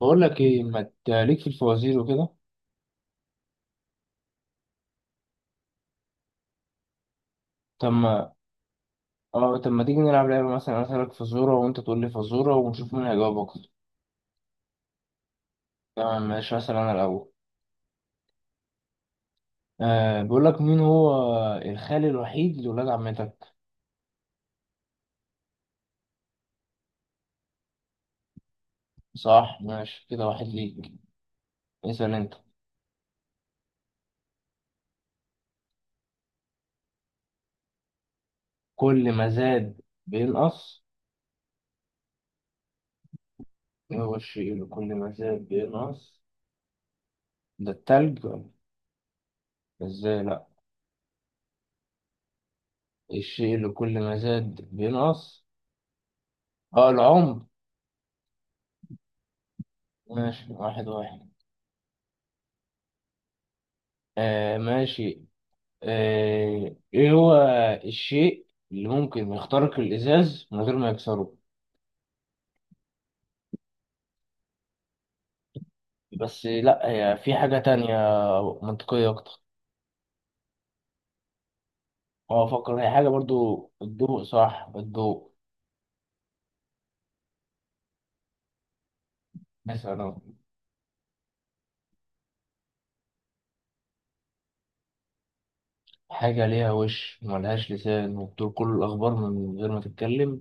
بقول لك ايه ما تليك في الفوازير وكده. طب ما اه طب ما تيجي نلعب لعبه مثلا، انا اسالك فزوره وانت تقول لي فزوره ونشوف مين هيجاوب اكتر. تمام، ماشي، اسال انا الاول. بقول لك، مين هو الخال الوحيد لولاد عمتك؟ صح، ماشي كده، واحد ليك. اسال انت. كل ما زاد بينقص، ايه هو الشيء اللي كل ما زاد بينقص؟ ده التلج ولا؟ ازاي؟ لا. الشيء اللي كل ما زاد بينقص. اه، العمر. ماشي، 1-1. آه، ماشي. ايه هو الشيء اللي ممكن يخترق الازاز من غير ما يكسره؟ بس لا، هي في حاجة تانية منطقية اكتر. هو افكر، هي حاجة برضو، الضوء، صح الضوء. مثلا. حاجة ليها وش وملهاش لسان وبتقول كل الاخبار من غير ما تتكلم.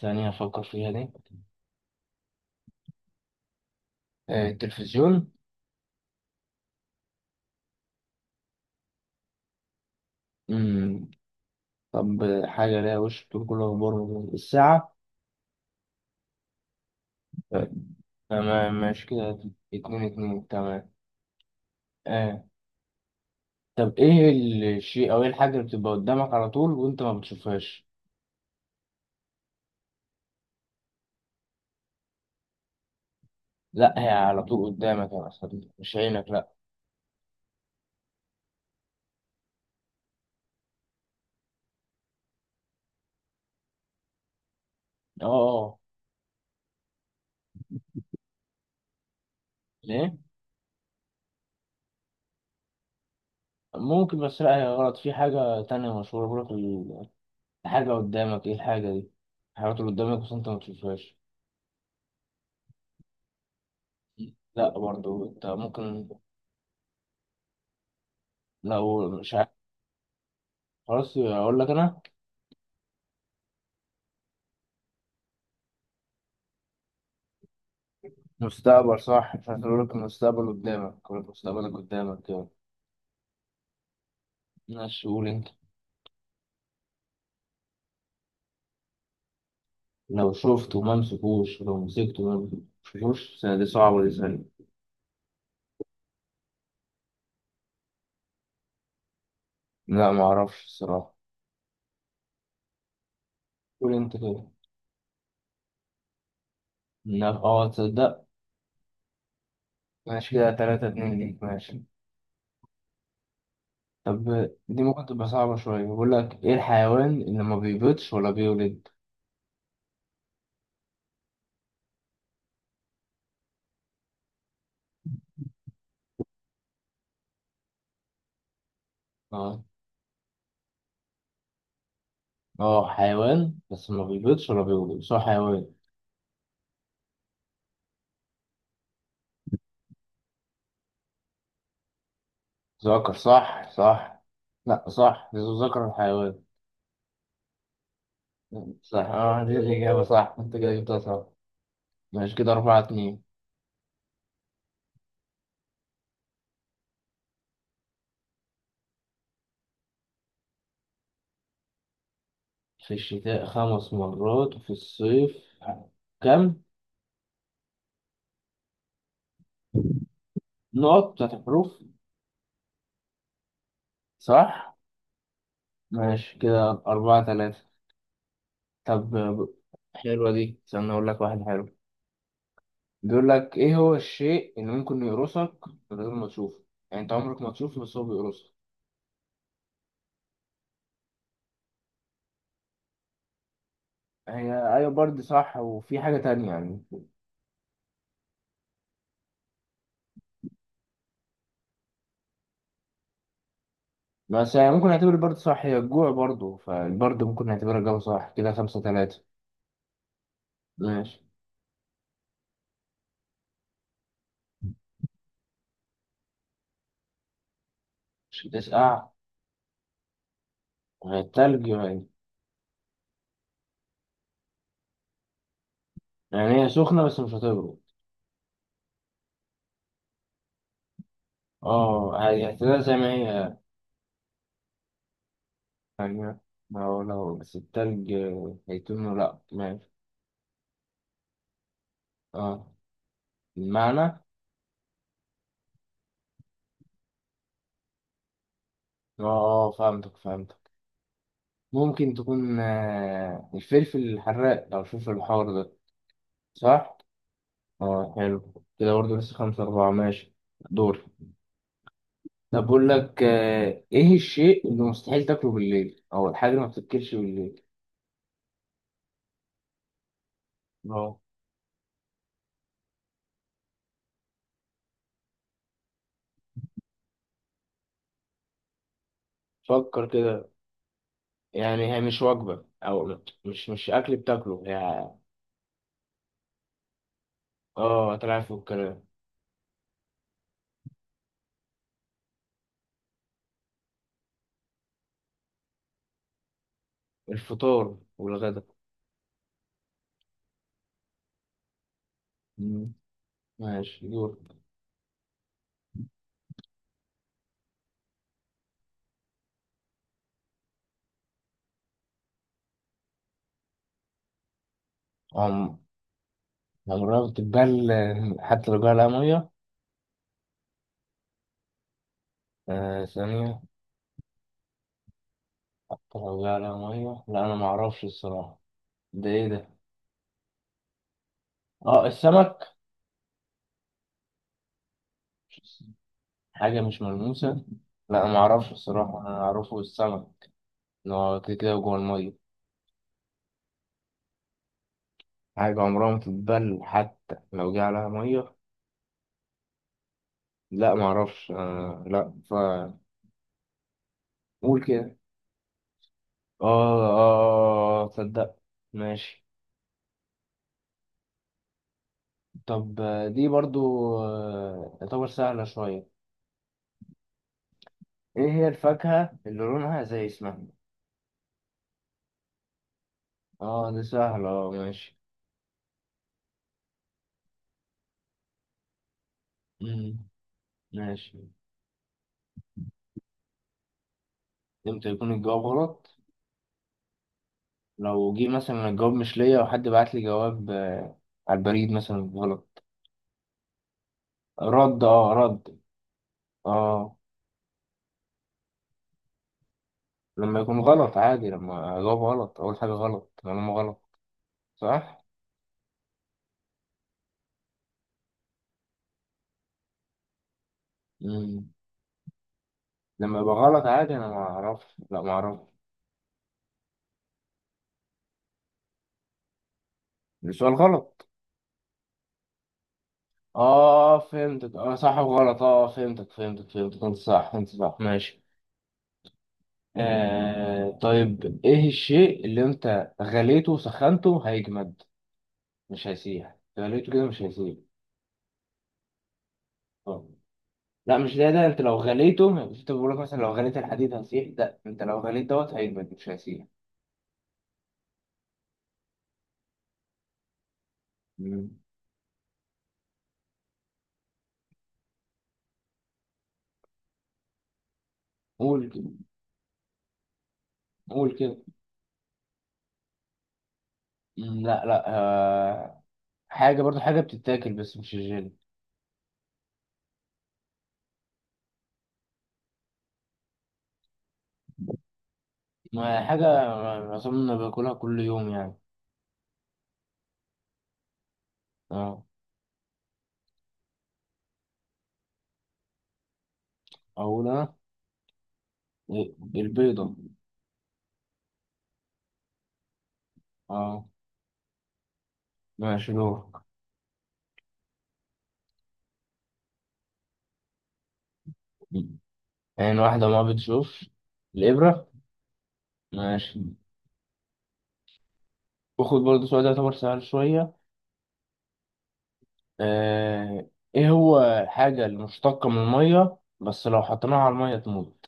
ثانية افكر فيها دي. التلفزيون. مم. طب، حاجة ليها وش بتقول كل الاخبار من غير- الساعة. آه، تمام ماشي كده. 2-2، تمام. آه، طب ايه الشيء او ايه الحاجة اللي بتبقى قدامك على طول وانت ما بتشوفهاش؟ لا، هي على طول قدامك يا أسطى، مش عينك لا. اه، اه. ليه؟ ممكن بس لا، هي غلط، في حاجة تانية مشهورة بيقولك الحاجة قدامك، ايه الحاجة دي؟ الحاجات اللي قدامك بس انت ما بتشوفهاش. لا برضو، انت ممكن. لو مش عارف، خلاص اقول لك انا. مستقبل، صح، مش عارف اقول لك المستقبل قدامك، اقول لك مستقبلك قدامك كده. ماشي، قول انت. لو شفته ما مسكوش، لو مسكته ما مسكوش، دي صعبة، دي سهلة. لا، ما اعرفش الصراحه. قول انت كده. لا، اه، تصدق. ماشي كده، 3-2 ليك، ماشي. طب، دي ممكن تبقى صعبة شوية، بقول لك ايه الحيوان اللي ما بيبيضش ولا بيولد؟ اه، اه، حيوان، بس ما بيبيضش ولا بيولد، بس هو حيوان. ذكر، صح، صح. لا، صح، ذو ذكر الحيوان. صح، اه، دي الإجابة، صح انت كده جبتها صح. ماشي كده، 4-2. في الشتاء 5 مرات وفي الصيف كم؟ نقط بتاعت الحروف. صح. ماشي كده، 4-3. طب، حلوة دي، استنى أقول لك واحد حلو. بيقول لك، إيه هو الشيء اللي ممكن يقرصك من غير ما تشوفه؟ يعني أنت عمرك ما تشوفه بس هو بيقرصك. هي أيوة، برد صح، وفي حاجة تانية يعني. بس يعني ممكن نعتبر البرد صح، هي الجوع، برضه فالبرد ممكن نعتبرها الجو، صح كده، 5-3. ماشي، مش هتسقع. وهي التلج يعني. يعني هي سخنة بس مش هتبرد. اه، عادي هتبقى زي ما هي يعني، ما هو لو بس التلج هيتونه، لأ ماشي. اه، المعنى. اه، فهمتك فهمتك. ممكن تكون الفلفل الحراق أو الفلفل الحار ده. صح؟ اه، حلو. كده برضه، لسه 5-4، ماشي. دور. طب، بقول لك إيه الشيء اللي مستحيل تاكله بالليل أو الحاجة اللي ما بتتاكلش بالليل؟ اه، فكر كده. يعني هي مش وجبة أو مش أكل بتاكله هي. اه، طلع فوق الكلام. الفطار والغدا. مم. ماشي، دور. عم عمرها بتتبل، حتى لو جاها لها مية. ثانية. حتى لو جاها لها مية، لا، أنا معرفش الصراحة. ده إيه ده؟ السمك. حاجة مش ملموسة. لا، أنا معرفش الصراحة، أنا أعرفه السمك إن هو كده كده جوه المية. حاجة عمرها ما بتتبل حتى لو جه عليها مية. لا معرفش، لا، فقول كده. آه، آه، آه، آه، آه، تصدق. ماشي. طب، دي برضو يعتبر سهلة شوية. ايه هي الفاكهة اللي لونها زي اسمها؟ اه، دي سهلة، اه، ماشي. مم. ماشي. امتى يكون الجواب غلط؟ لو جه مثلا الجواب مش ليا، وحد بعت لي جواب على البريد مثلا غلط. رد. اه. لما يكون غلط عادي، لما اجاوب غلط، اقول حاجة غلط، معلومة غلط. صح. مم. لما يبقى غلط عادي، انا ما اعرفش، لا ما اعرفش. السؤال غلط. اه، فهمتك، اه، صح وغلط، اه، فهمتك فهمتك فهمتك، انت صح، انت صح، ماشي. طيب، ايه الشيء اللي انت غليته وسخنته هيجمد؟ مش هيسيح، غليته كده مش هيسيح. اه، لا مش ده. ده انت لو غليته مش، انت بقول لك مثلا لو غليت الحديد هيسيح، ده انت لو غليت دوت هيجمد مش هيسيح. مم. قول كده. قول كده. لا لا حاجة برضو حاجة بتتاكل بس مش الجيلي. ما هي حاجة أظن باكلها كل يوم يعني. اه. أقول أنا. البيضة. اه. ماشي دورك. يعني واحدة ما بتشوف. الإبرة. ماشي. وخد برضه سؤال، ده يعتبر سهل شوية. آه. إيه هو الحاجة اللي مشتقة من المية بس لو حطيناها على المية تموت؟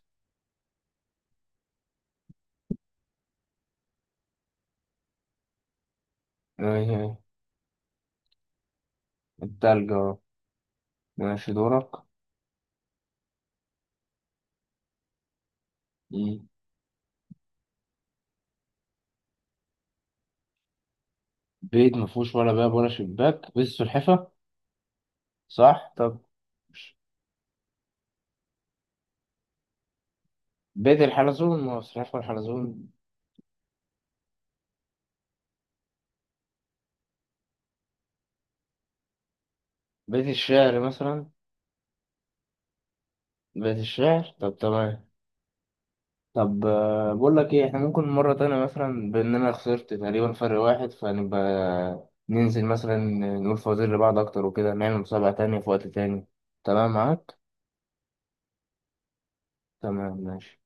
آه. التلج، اه. ماشي دورك. مم. بيت مفهوش ولا باب ولا شباك، بيت سلحفة. صح طب. بيت الحلزون، ما هو سلحفة الحلزون. بيت الشعر مثلا. بيت الشعر، طب تمام. طب، بقول لك ايه، احنا ممكن مرة تانية مثلا، بان انا خسرت تقريبا فرق واحد، فنبقى ننزل مثلا، نقول فوازير لبعض اكتر وكده، نعمل مسابقة تانية في وقت تاني. تمام معاك. تمام ماشي